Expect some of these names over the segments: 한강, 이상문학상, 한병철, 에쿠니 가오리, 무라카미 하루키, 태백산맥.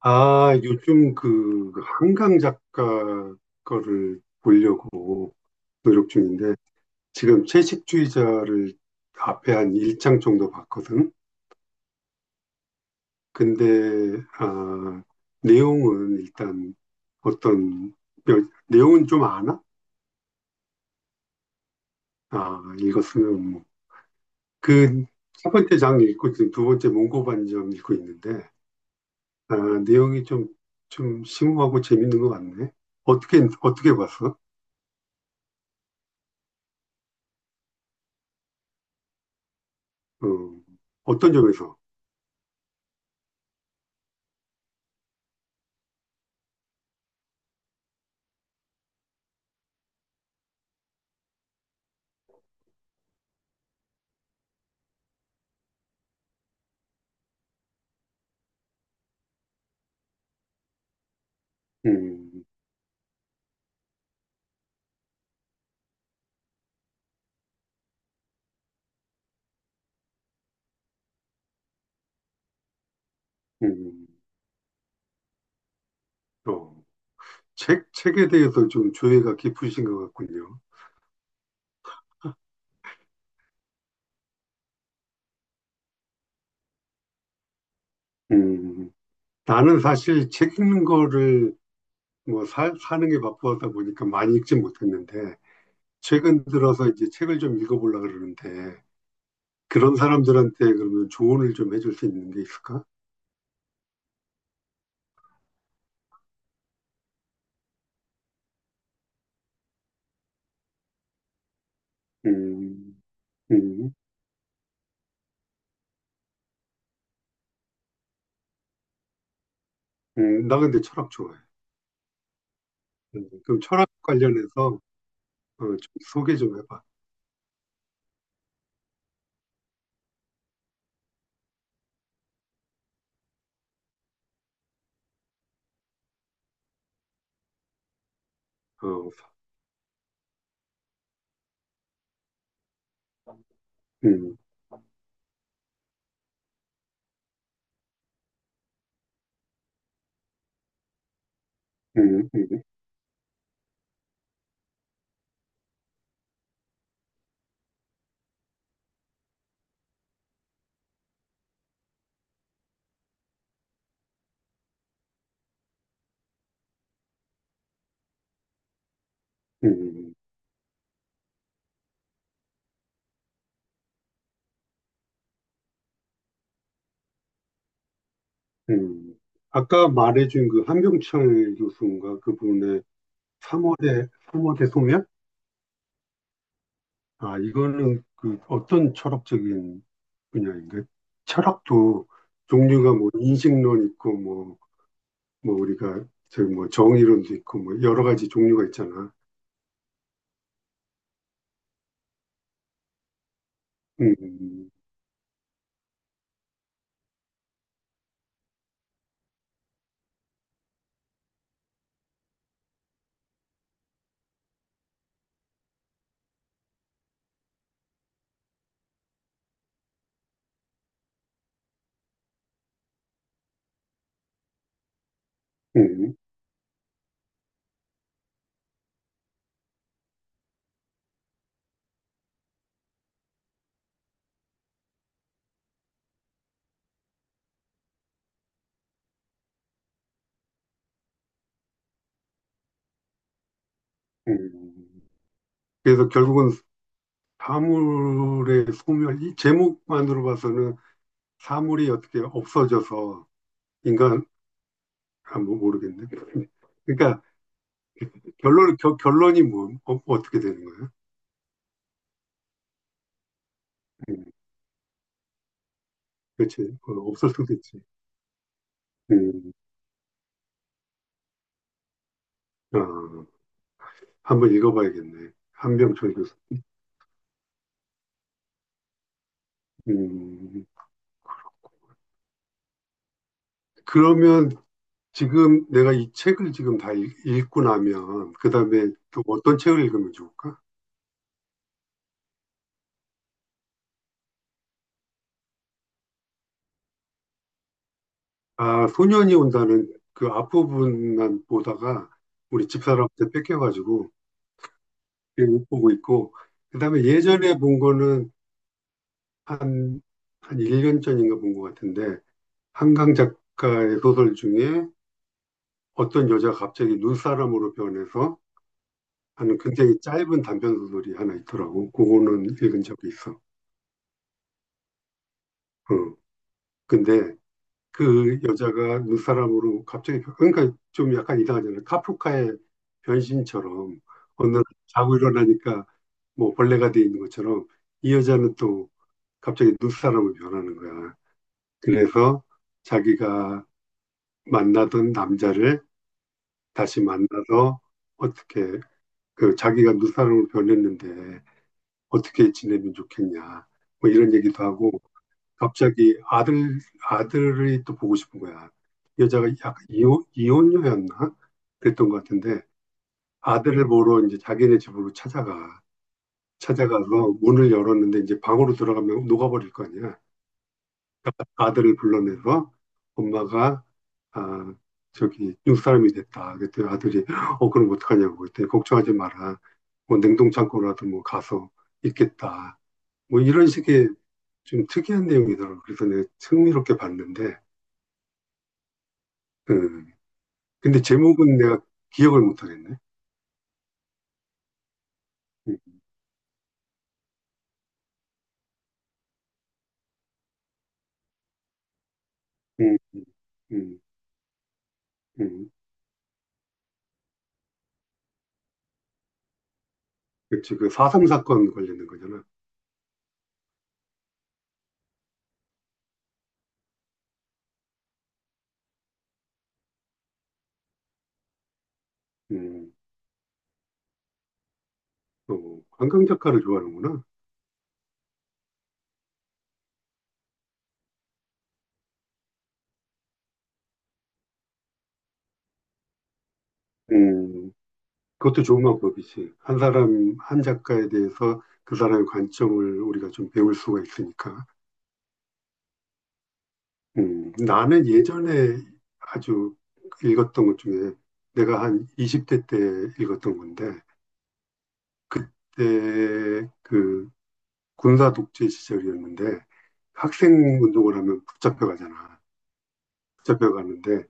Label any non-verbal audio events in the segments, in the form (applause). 아, 요즘 그 한강 작가 거를 보려고 노력 중인데 지금 채식주의자를 앞에 한 1장 정도 봤거든. 근데 아, 내용은 일단 어떤 내용은 좀 아나? 아, 읽었으면 뭐. 그 첫 번째 장 읽고 지금 두 번째 문고반점 읽고 있는데 아, 내용이 좀 좀 심오하고 재밌는 것 같네. 어떻게 어떻게 봤어? 어, 어떤 점에서? 음, 음, 또, 책에 대해서 좀 조예가 깊으신 것 같군요. 음, 나는 사실 책 읽는 거를 뭐 사는 게 바쁘다 보니까 많이 읽지 못했는데, 최근 들어서 이제 책을 좀 읽어보려고 그러는데, 그런 사람들한테 그러면 조언을 좀 해줄 수 있는 게 있을까? 음, 음, 나 근데 철학 좋아해. 그럼 철학 관련해서 어, 좀 소개 좀 해봐. 어, 음, 음, 음, 음. 음, 아까 말해준 그 한병철 교수인가 그분의 3월의 3월의 소멸? 아, 이거는 그 어떤 철학적인 분야인가? 철학도 종류가 뭐 인식론 있고 뭐, 뭐 우리가 저뭐 정의론도 있고 뭐 여러 가지 종류가 있잖아. 음, 음, 음. 그래서 결국은 사물의 소멸, 이 제목만으로 봐서는 사물이 어떻게 없어져서 인간, 아, 뭐 모르겠네. (laughs) 그러니까 결론이 뭐, 어, 어떻게 되는 거예 그렇지. 어, 없을 수도 있지. 음, 아, 한번 읽어봐야겠네. 한병철 교수. 음, 그러면 지금 내가 이 책을 지금 다 읽고 나면, 그 다음에 또 어떤 책을 읽으면 좋을까? 아, 소년이 온다는 그 앞부분만 보다가 우리 집사람한테 뺏겨가지고 못 보고 있고, 그 다음에 예전에 본 거는 한, 한 1년 전인가 본 것 같은데, 한강 작가의 소설 중에 어떤 여자가 갑자기 눈사람으로 변해서 하는 굉장히 짧은 단편 소설이 하나 있더라고. 그거는 읽은 적이 있어. 어. 근데 그 여자가 눈사람으로 갑자기 변- 그러니까 좀 약간 이상하잖아. 카프카의 변신처럼 어느 날 자고 일어나니까 뭐 벌레가 돼 있는 것처럼 이 여자는 또 갑자기 눈사람으로 변하는 거야. 그래서 자기가 만나던 남자를 다시 만나서 어떻게 그 자기가 누사람으로 변했는데 어떻게 지내면 좋겠냐. 뭐 이런 얘기도 하고 갑자기 아들이 또 보고 싶은 거야. 여자가 약 이혼녀였나? 그랬던 것 같은데 아들을 보러 이제 자기네 집으로 찾아가. 찾아가서 문을 열었는데 이제 방으로 들어가면 녹아버릴 거 아니야. 아들을 불러내서 엄마가 아 저기 육사람이 됐다. 그때 아들이 어 그럼 어떡하냐고 그때 걱정하지 마라. 뭐 냉동창고라도 뭐 가서 있겠다. 뭐 이런 식의 좀 특이한 내용이더라고. 그래서 내가 흥미롭게 봤는데 음. 근데 제목은 내가 기억을 못 하겠네. 음, 음, 음, 음. 그치, 그사3 사건 관련된 거잖아. 음, 또, 한강 작가를 좋아하는구나. 음. 그것도 좋은 방법이지. 한 사람, 한 작가에 대해서 그 사람의 관점을 우리가 좀 배울 수가 있으니까. 나는 예전에 아주 읽었던 것 중에 내가 한 20대 때 읽었던 건데, 그때 그 군사 독재 시절이었는데, 학생 운동을 하면 붙잡혀가잖아. 붙잡혀가는데,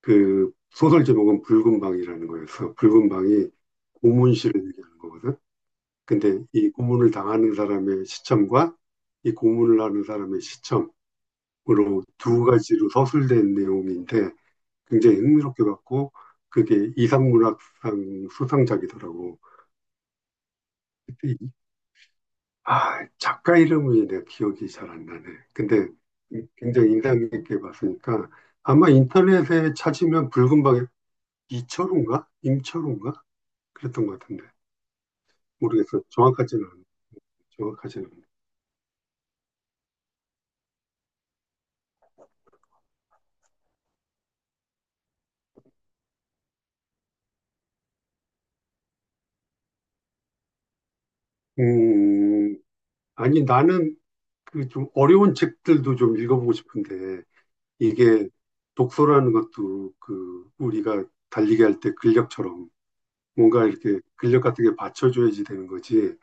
그 소설 제목은 붉은 방이라는 거였어. 붉은 방이 고문실을 얘기하는 거거든. 근데 이 고문을 당하는 사람의 시점과 이 고문을 하는 사람의 시점으로 두 가지로 서술된 내용인데 굉장히 흥미롭게 봤고 그게 이상문학상 수상작이더라고. 그때 아, 작가 이름이 내가 기억이 잘 안 나네. 근데 굉장히 인상 깊게 봤으니까 아마 인터넷에 찾으면 붉은 방에 이철우인가? 임철우인가? 그랬던 것 같은데 모르겠어. 정확하지는 않네. 음, 아니 나는 그 좀 어려운 책들도 좀 읽어보고 싶은데 이게 독서라는 것도 그 우리가 달리기 할 때 근력처럼 뭔가 이렇게 근력 같은 게 받쳐줘야지 되는 거지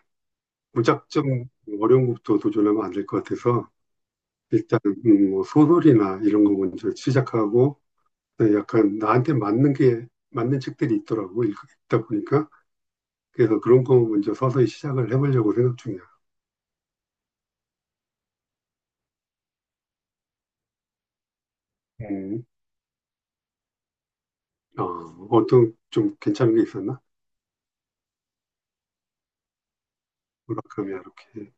무작정 어려운 것부터 도전하면 안 될 것 같아서 일단 뭐 소설이나 이런 거 먼저 시작하고 네, 약간 나한테 맞는 책들이 있더라고 읽다 보니까 그래서 그런 거 먼저 서서히 시작을 해보려고 생각 중이야. 음. 어, 어떤 좀 괜찮은 게 있었나? 무라카미 하루키.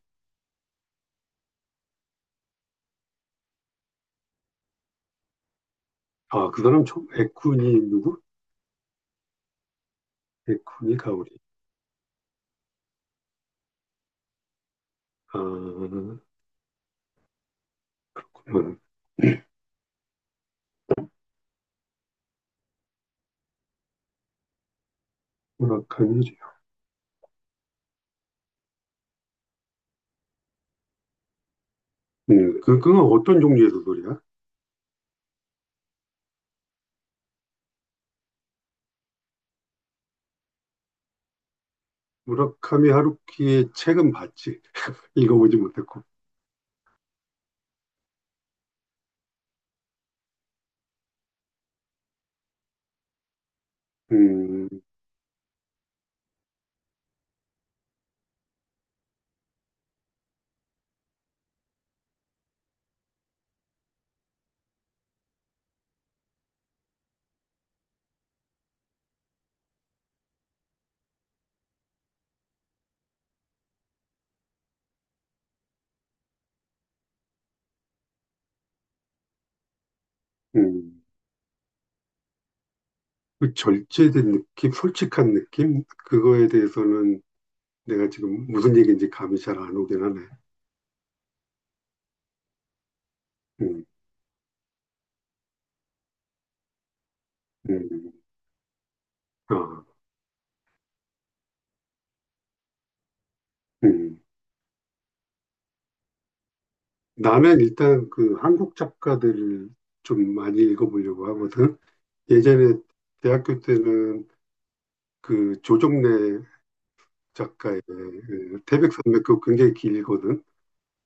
아, 그 사람 총, 에쿠니, 누구? 에쿠니 가오리. 아, 그만. 무라카미, 그건 어떤 종류의 소설이야? 무라카미 하루키의 책은 봤지. 읽어보지 못했고. 음, 음. 그 절제된 느낌, 솔직한 느낌? 그거에 대해서는 내가 지금 무슨 얘기인지 감이 잘 안 오긴 하네. 음, 음, 아, 음. 나는 일단 그 한국 작가들을 좀 많이 읽어보려고 하거든. 예전에 대학교 때는 그 조정래 작가의 그 태백산맥 그거 굉장히 길거든.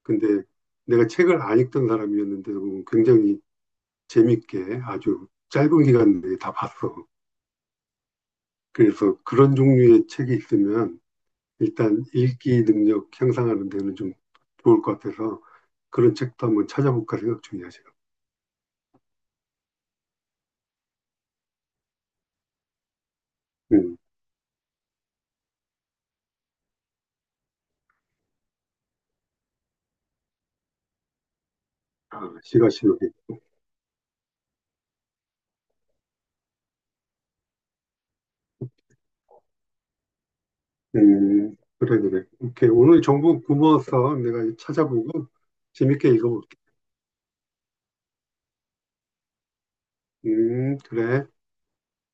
근데 내가 책을 안 읽던 사람이었는데도 굉장히 재밌게 아주 짧은 기간 내에 다 봤어. 그래서 그런 종류의 책이 있으면 일단 읽기 능력 향상하는 데는 좀 좋을 것 같아서 그런 책도 한번 찾아볼까 생각 중이야, 지금. 음. 아, 시가 시노기 그래, 그래. 오케이. 오늘 정보 고마웠어. 내가 찾아보고 재밌게 읽어볼게. 그래.